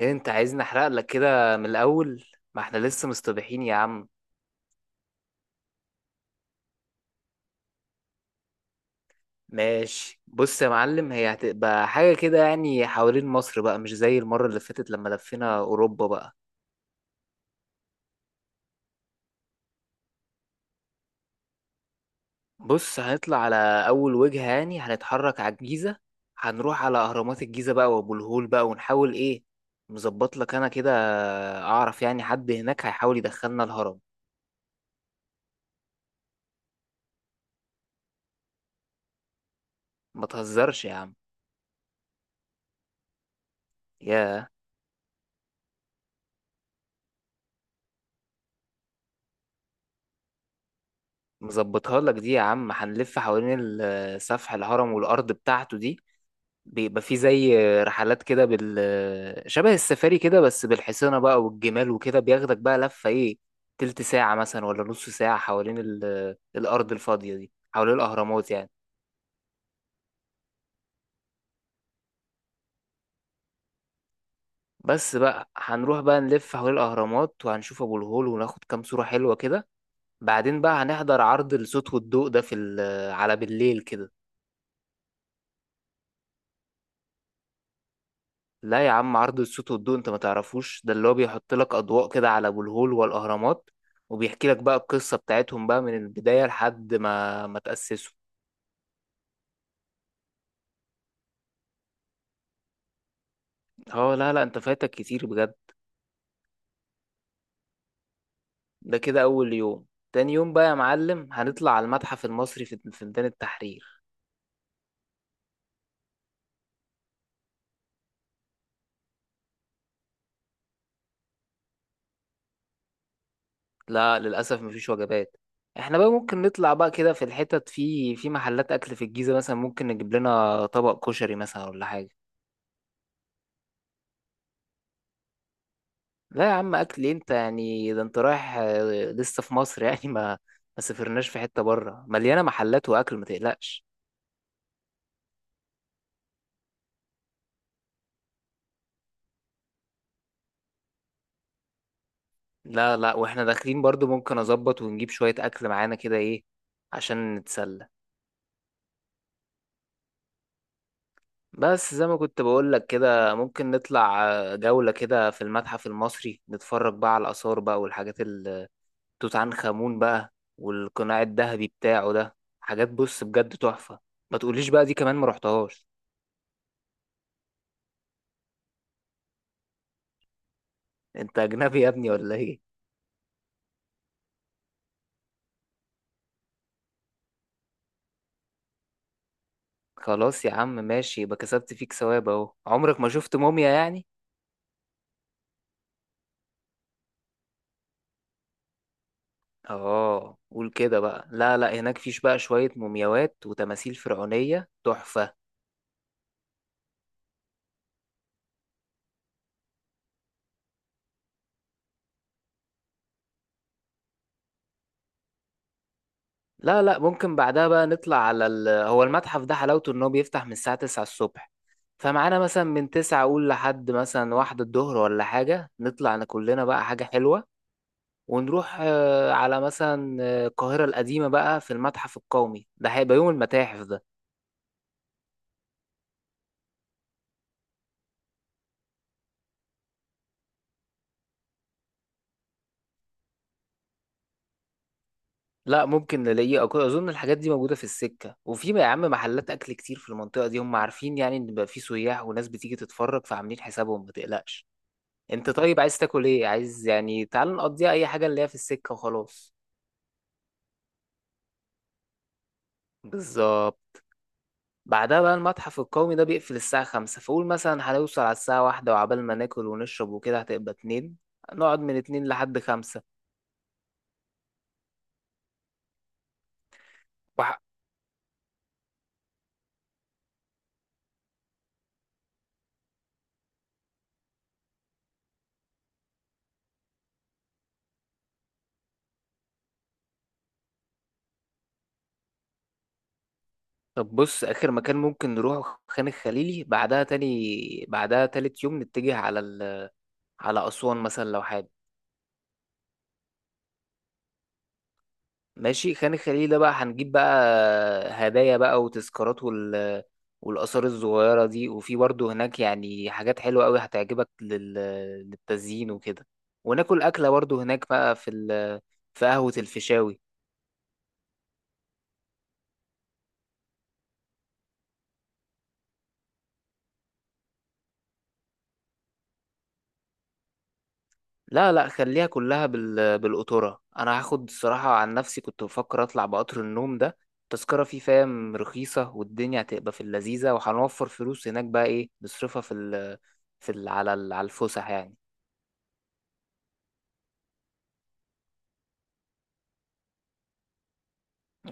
ايه انت عايزني احرق لك كده من الاول. ما احنا لسه مستبيحين يا عم. ماشي، بص يا معلم، هي هتبقى حاجة كده يعني حوالين مصر بقى، مش زي المرة اللي فاتت لما لفينا اوروبا بقى. بص هنطلع على اول وجهة يعني هنتحرك على الجيزة. هنروح على اهرامات الجيزة بقى وابو الهول بقى، ونحاول ايه، مظبط لك انا كده. اعرف يعني حد هناك هيحاول يدخلنا الهرم. ما تهزرش يا عم. يا مظبطها لك دي يا عم، هنلف حوالين سفح الهرم والارض بتاعته دي، بيبقى في زي رحلات كده شبه السفاري كده، بس بالحصينة بقى والجمال وكده، بياخدك بقى لفة ايه، تلت ساعة مثلا ولا نص ساعة، حوالين الأرض الفاضية دي، حوالين الأهرامات يعني. بس بقى هنروح بقى نلف حوالين الأهرامات، وهنشوف أبو الهول وناخد كام صورة حلوة كده. بعدين بقى هنحضر عرض الصوت والضوء ده في ال... على بالليل كده. لا يا عم، عرض الصوت والضوء انت ما تعرفوش، ده اللي هو بيحط لك اضواء كده على ابو الهول والاهرامات، وبيحكي لك بقى القصه بتاعتهم بقى من البدايه لحد ما تاسسوا. اه لا لا، انت فايتك كتير بجد. ده كده اول يوم. تاني يوم بقى يا معلم هنطلع على المتحف المصري في ميدان التحرير. لا للاسف مفيش وجبات. احنا بقى ممكن نطلع بقى كده في الحتت في محلات اكل في الجيزه، مثلا ممكن نجيب لنا طبق كشري مثلا ولا حاجه. لا يا عم، اكل إيه انت يعني، ده انت رايح لسه في مصر يعني ما سافرناش، في حتة بره مليانة محلات واكل، ما تقلقش. لا لا، واحنا داخلين برضو ممكن اظبط ونجيب شوية اكل معانا كده ايه عشان نتسلى. بس زي ما كنت بقول لك كده، ممكن نطلع جولة كده في المتحف المصري نتفرج بقى على الآثار بقى، والحاجات توت عنخ آمون بقى، والقناع الذهبي بتاعه ده، حاجات بص بجد تحفة. ما تقوليش بقى دي كمان ما رحتهاش. انت اجنبي يا ابني ولا ايه؟ خلاص يا عم ماشي، يبقى كسبت فيك ثواب اهو، عمرك ما شفت موميا يعني. اه قول كده بقى، لا لا هناك فيش بقى شوية مومياوات وتماثيل فرعونية تحفة. لا لا، ممكن بعدها بقى نطلع على هو المتحف ده حلاوته ان هو بيفتح من الساعة 9 الصبح، فمعانا مثلا من 9 اقول لحد مثلا واحدة الظهر ولا حاجة، نطلع أنا كلنا بقى حاجة حلوة، ونروح على مثلا القاهرة القديمة بقى، في المتحف القومي، ده هيبقى يوم المتاحف. لا ممكن نلاقيه اظن الحاجات دي موجوده في السكه، وفي يا عم محلات اكل كتير في المنطقه دي، هم عارفين يعني ان بقى في سياح وناس بتيجي تتفرج، فعاملين حسابهم، ما تقلقش. انت طيب عايز تاكل ايه، عايز يعني تعال نقضيها اي حاجه اللي هي في السكه وخلاص. بالظبط. بعدها بقى المتحف القومي ده بيقفل الساعه 5، فقول مثلا هنوصل على الساعه 1، وعبال ما ناكل ونشرب وكده هتبقى اتنين، نقعد من اتنين لحد خمسة. وح- طب بص، آخر مكان ممكن نروحه خان الخليلي، بعدها تاني، بعدها تالت يوم نتجه على على أسوان مثلا لو حابب. ماشي، خان الخليل ده بقى هنجيب بقى هدايا بقى وتذكارات والآثار الصغيرة دي، وفي برضه هناك يعني حاجات حلوة أوي هتعجبك للتزيين وكده، وناكل أكلة برضه هناك بقى في قهوة الفيشاوي. لا لا، خليها كلها بالقطورة، انا هاخد الصراحة عن نفسي كنت بفكر اطلع بقطر النوم ده، التذكرة فيه فاهم رخيصة، والدنيا هتبقى في اللذيذة، وهنوفر فلوس هناك بقى ايه نصرفها في ال... في ال... على ال... على الفسح يعني.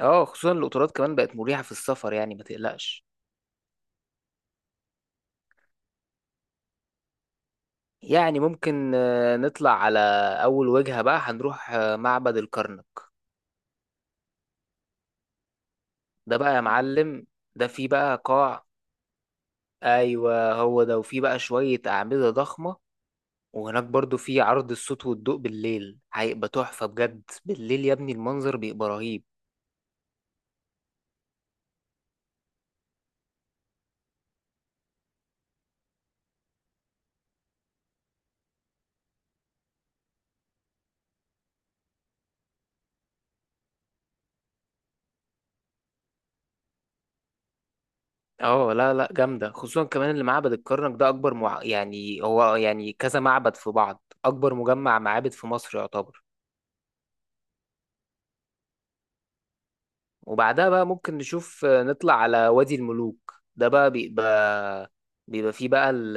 اه خصوصا القطارات كمان بقت مريحة في السفر يعني ما تقلقش. يعني ممكن نطلع على اول وجهة بقى هنروح معبد الكرنك. ده بقى يا معلم، ده فيه بقى قاع. ايوه هو ده، وفيه بقى شوية اعمدة ضخمة، وهناك برضو في عرض الصوت والضوء بالليل هيبقى تحفة بجد، بالليل يا ابني المنظر بيبقى رهيب. اه لا لا جامدة، خصوصا كمان اللي معبد الكرنك ده أكبر يعني هو يعني كذا معبد في بعض، أكبر مجمع معابد في مصر يعتبر. وبعدها بقى ممكن نشوف نطلع على وادي الملوك، ده بقى بيبقى فيه بقى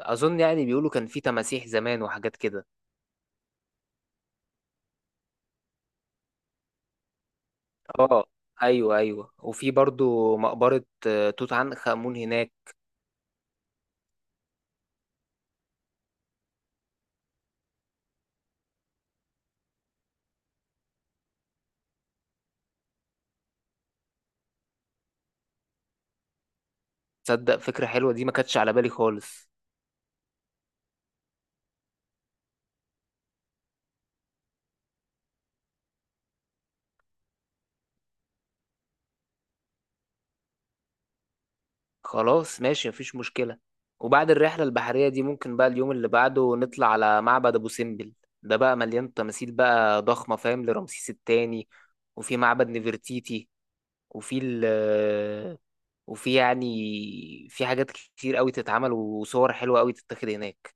أظن يعني بيقولوا كان فيه تماسيح زمان وحاجات كده. اه ايوه ايوه، وفي برضو مقبرة توت عنخ آمون هناك. تصدق فكرة حلوة دي، ما كانتش على بالي خالص. خلاص ماشي، مفيش مشكلة. وبعد الرحلة البحرية دي ممكن بقى اليوم اللي بعده نطلع على معبد أبو سمبل، ده بقى مليان تماثيل بقى ضخمة فاهم، لرمسيس التاني، وفي معبد نفرتيتي، وفي ال وفي يعني في حاجات كتير قوي تتعمل وصور حلوة قوي تتاخد هناك.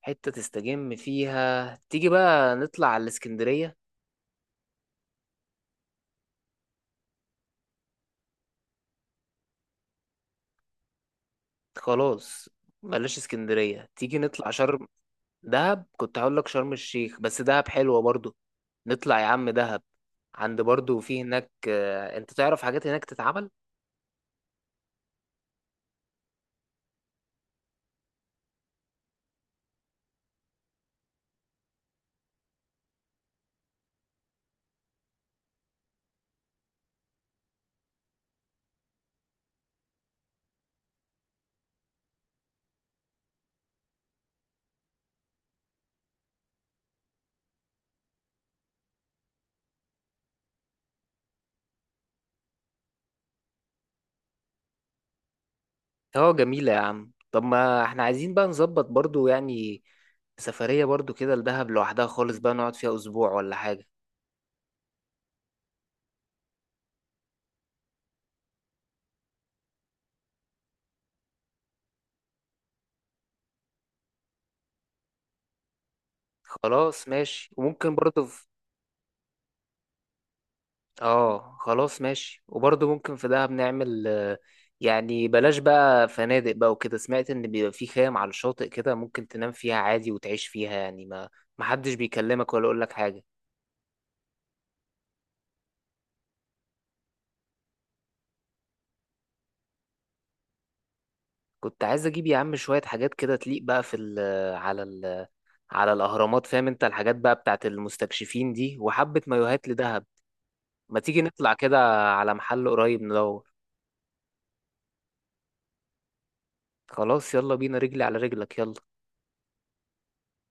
حتة تستجم فيها؟ تيجي بقى نطلع على الإسكندرية. خلاص بلاش اسكندرية، تيجي نطلع شرم. دهب كنت هقول لك شرم الشيخ، بس دهب حلوة برضو، نطلع يا عم دهب، عند برضو في هناك انت تعرف حاجات هناك تتعمل. اه جميلة يا عم، طب ما احنا عايزين بقى نظبط برضو يعني سفرية برضو كده لدهب لوحدها خالص، بقى نقعد فيها اسبوع ولا حاجة. خلاص ماشي، وممكن برضو في... اه خلاص ماشي، وبرضه ممكن في دهب نعمل يعني بلاش بقى فنادق بقى وكده، سمعت ان بيبقى في خيام على الشاطئ كده، ممكن تنام فيها عادي وتعيش فيها يعني، ما محدش بيكلمك ولا يقول لك حاجة. كنت عايز اجيب يا عم شوية حاجات كده تليق بقى في ال على ال على الاهرامات فاهم، انت الحاجات بقى بتاعت المستكشفين دي، وحبة مايوهات لدهب. ما تيجي نطلع كده على محل قريب ندور. خلاص يلا بينا، رجلي على رجلك، يلا.